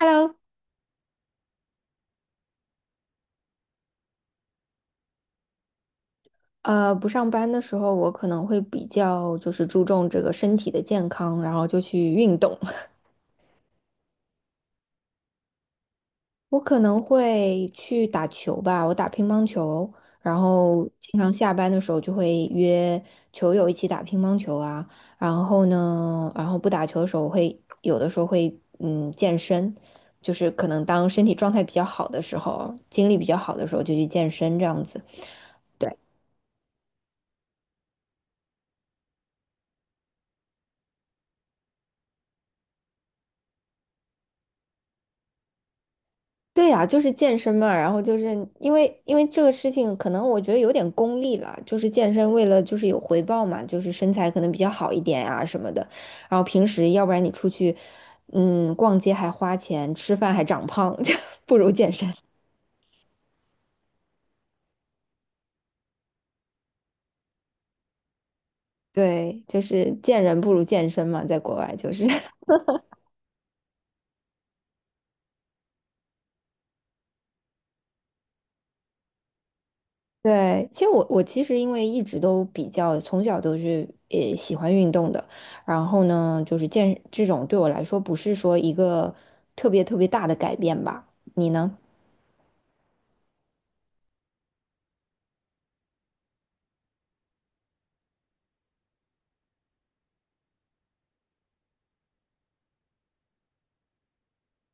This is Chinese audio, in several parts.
Hello，不上班的时候，我可能会比较就是注重这个身体的健康，然后就去运动。我可能会去打球吧，我打乒乓球，然后经常下班的时候就会约球友一起打乒乓球啊。然后呢，然后不打球的时候会有的时候会健身，就是可能当身体状态比较好的时候，精力比较好的时候就去健身这样子。对。对呀，就是健身嘛，然后就是因为这个事情，可能我觉得有点功利了，就是健身为了就是有回报嘛，就是身材可能比较好一点呀、什么的，然后平时要不然你出去，逛街还花钱，吃饭还长胖，就不如健身。对，就是见人不如健身嘛，在国外就是。对，其实我其实因为一直都比较从小都是喜欢运动的，然后呢，就是健这种对我来说不是说一个特别特别大的改变吧？你呢？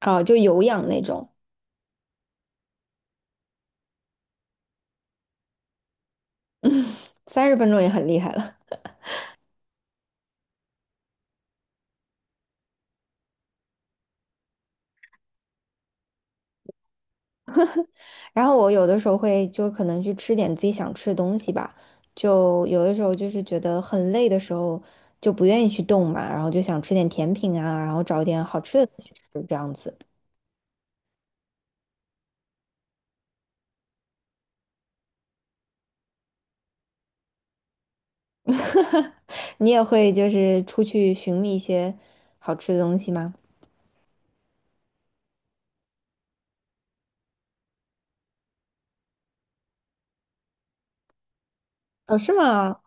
啊，就有氧那种，三十分钟也很厉害了。然后我有的时候会就可能去吃点自己想吃的东西吧，就有的时候就是觉得很累的时候就不愿意去动嘛，然后就想吃点甜品啊，然后找点好吃的东西吃这样子。哈哈，你也会就是出去寻觅一些好吃的东西吗？哦，是吗？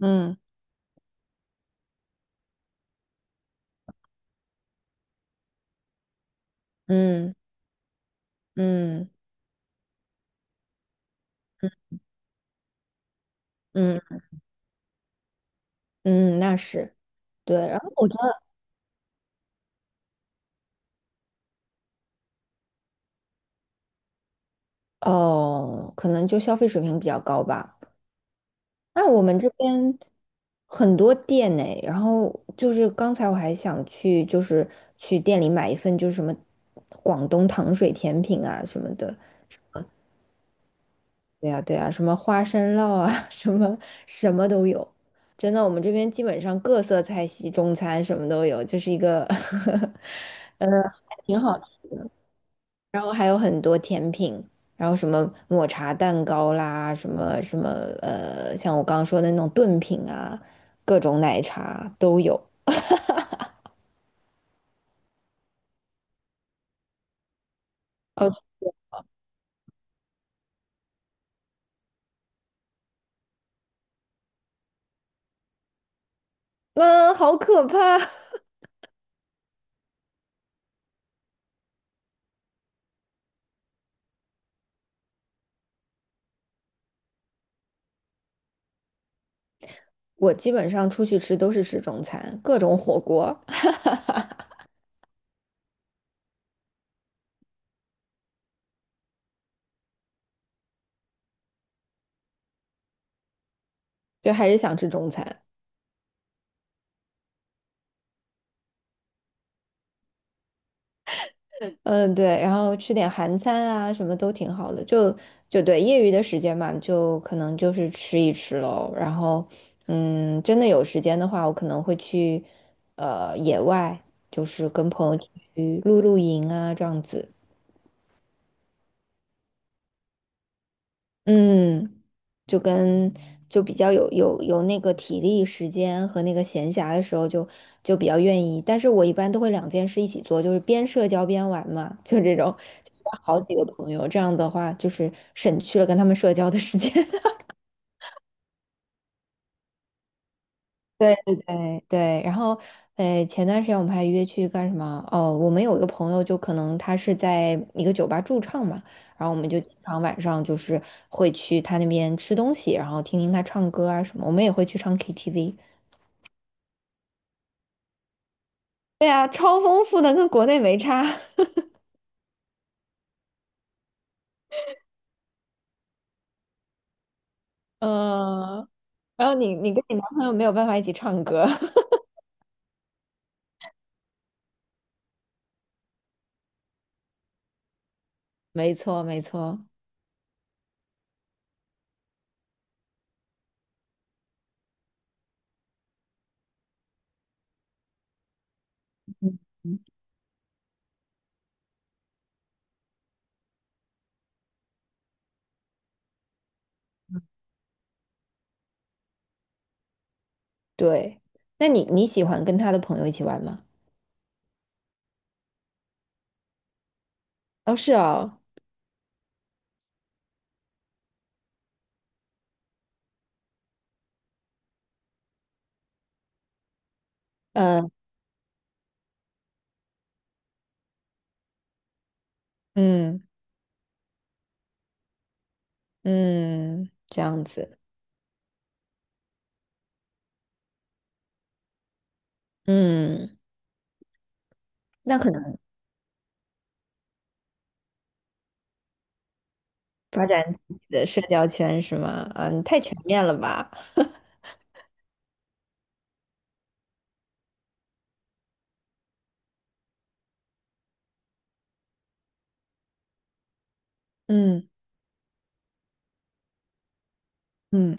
嗯嗯嗯嗯嗯，那是对。然后我觉得，哦，可能就消费水平比较高吧。那我们这边很多店呢，然后就是刚才我还想去，就是去店里买一份，就是什么广东糖水甜品啊什么的，对呀，对呀，什么花生酪啊，什么什么都有。真的，我们这边基本上各色菜系、中餐什么都有，就是一个，嗯，还挺好吃。然后还有很多甜品，然后什么抹茶蛋糕啦，什么什么像我刚刚说的那种炖品啊，各种奶茶都有。哦，嗯，好可怕！我基本上出去吃都是吃中餐，各种火锅，就还是想吃中餐。嗯，对，然后吃点韩餐啊，什么都挺好的。就就对，业余的时间嘛，就可能就是吃一吃喽。然后，嗯，真的有时间的话，我可能会去野外，就是跟朋友去露露营啊，这样子。嗯。就跟就比较有那个体力、时间和那个闲暇的时候就，就比较愿意。但是我一般都会两件事一起做，就是边社交边玩嘛，就这种，就好几个朋友，这样的话就是省去了跟他们社交的时间。对对对对，然后前段时间我们还约去干什么？哦，我们有一个朋友，就可能他是在一个酒吧驻唱嘛，然后我们就经常晚上就是会去他那边吃东西，然后听听他唱歌啊什么，我们也会去唱 KTV。对啊，超丰富的，跟国内没差。嗯，然后你跟你男朋友没有办法一起唱歌，没错，没错，对。那你喜欢跟他的朋友一起玩吗？哦，是哦，嗯嗯嗯，这样子，嗯，那可能发展自己的社交圈是吗？嗯，你太全面了吧？嗯嗯，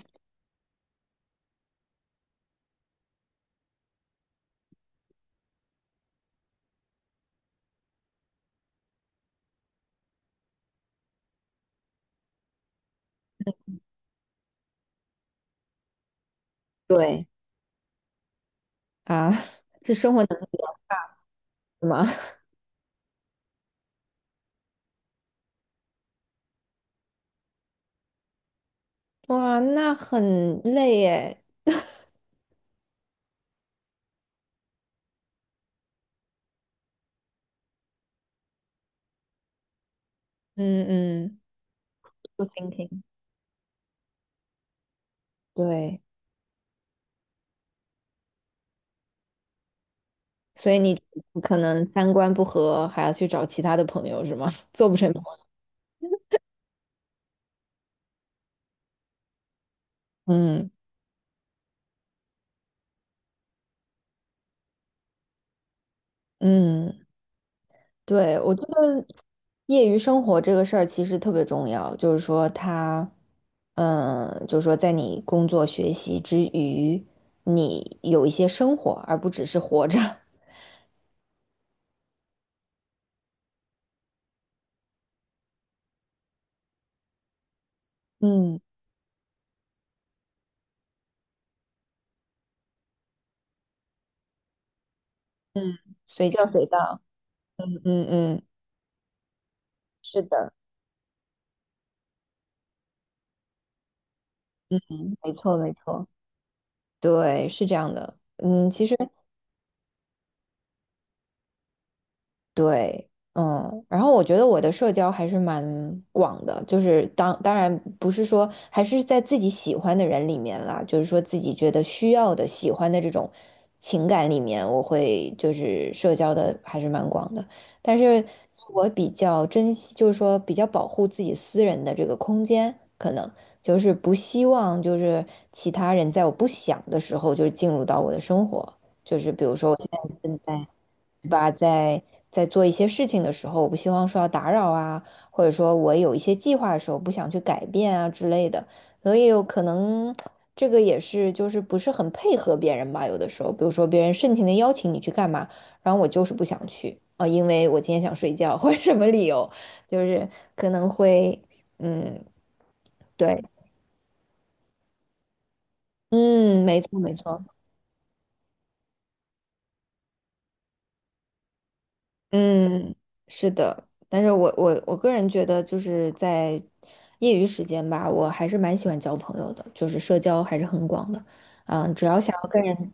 对，啊，是生活能力是吗？哇，那很累耶。嗯嗯，不 t h 对。所以你可能三观不合，还要去找其他的朋友是吗？做不成朋友。嗯嗯，对，我觉得业余生活这个事儿其实特别重要，就是说它，嗯，就是说在你工作学习之余，你有一些生活，而不只是活着。嗯嗯，随叫随到。嗯嗯，是的，嗯，没错没错，对，是这样的。嗯，其实。对，嗯，然后我觉得我的社交还是蛮广的，就是当然不是说还是在自己喜欢的人里面啦，就是说自己觉得需要的、喜欢的这种情感里面，我会就是社交的还是蛮广的，但是我比较珍惜，就是说比较保护自己私人的这个空间，可能就是不希望就是其他人在我不想的时候就是进入到我的生活，就是比如说我现在正在吧，在在做一些事情的时候，我不希望受到打扰啊，或者说我有一些计划的时候不想去改变啊之类的，所以有可能这个也是就是不是很配合别人吧，有的时候，比如说别人盛情的邀请你去干嘛，然后我就是不想去啊，因为我今天想睡觉或者什么理由，就是可能会嗯对嗯没错没错。嗯，是的，但是我我个人觉得，就是在业余时间吧，我还是蛮喜欢交朋友的，就是社交还是很广的。嗯，只要想要跟人，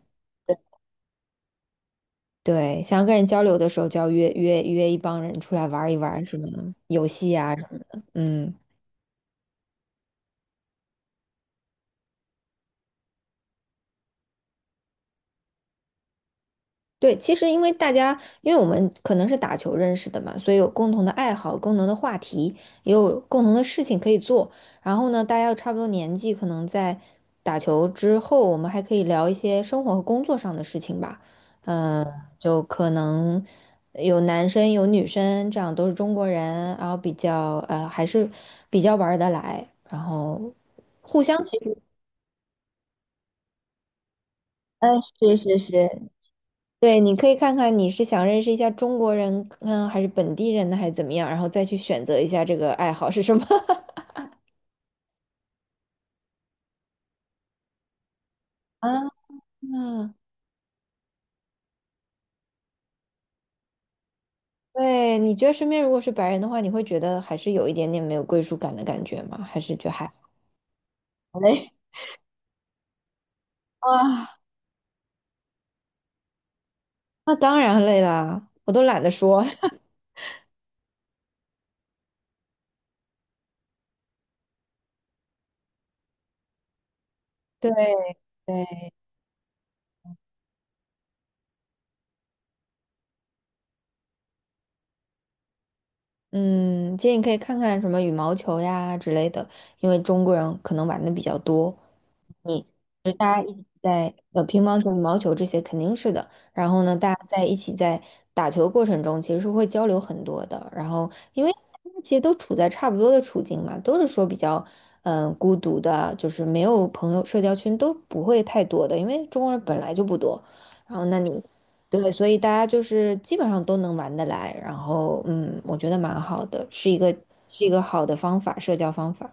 对，想要跟人交流的时候，就要约一帮人出来玩儿一玩儿什么游戏啊什么的。嗯。对，其实因为大家，因为我们可能是打球认识的嘛，所以有共同的爱好、共同的话题，也有共同的事情可以做。然后呢，大家又差不多年纪，可能在打球之后，我们还可以聊一些生活和工作上的事情吧。嗯、就可能有男生有女生，这样都是中国人，然后比较还是比较玩儿得来，然后互相其实，嗯，是是是，对，你可以看看你是想认识一下中国人，嗯，还是本地人呢，还是怎么样，然后再去选择一下这个爱好是什么。啊，对，你觉得身边如果是白人的话，你会觉得还是有一点点没有归属感的感觉吗？还是觉得还好嘞？啊，那当然累啦，我都懒得说。对对，嗯，其实你可以看看什么羽毛球呀之类的，因为中国人可能玩的比较多。你就大家一起在乒乓球、羽毛球这些肯定是的。然后呢，大家在一起在打球过程中，其实是会交流很多的。然后，因为大家其实都处在差不多的处境嘛，都是说比较嗯、孤独的，就是没有朋友，社交圈都不会太多的，因为中国人本来就不多。然后，那你对，所以大家就是基本上都能玩得来。然后，嗯，我觉得蛮好的，是一个是一个好的方法，社交方法。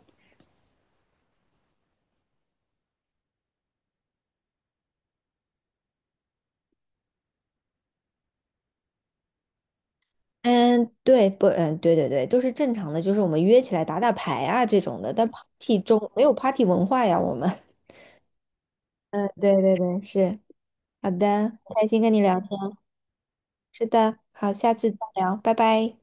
嗯，对，不，嗯，对对对，都是正常的，就是我们约起来打打牌啊这种的，但 party 中没有 party 文化呀，我们。嗯，对对对，是，好的，开心跟你聊天，是的，好，下次再聊，拜拜。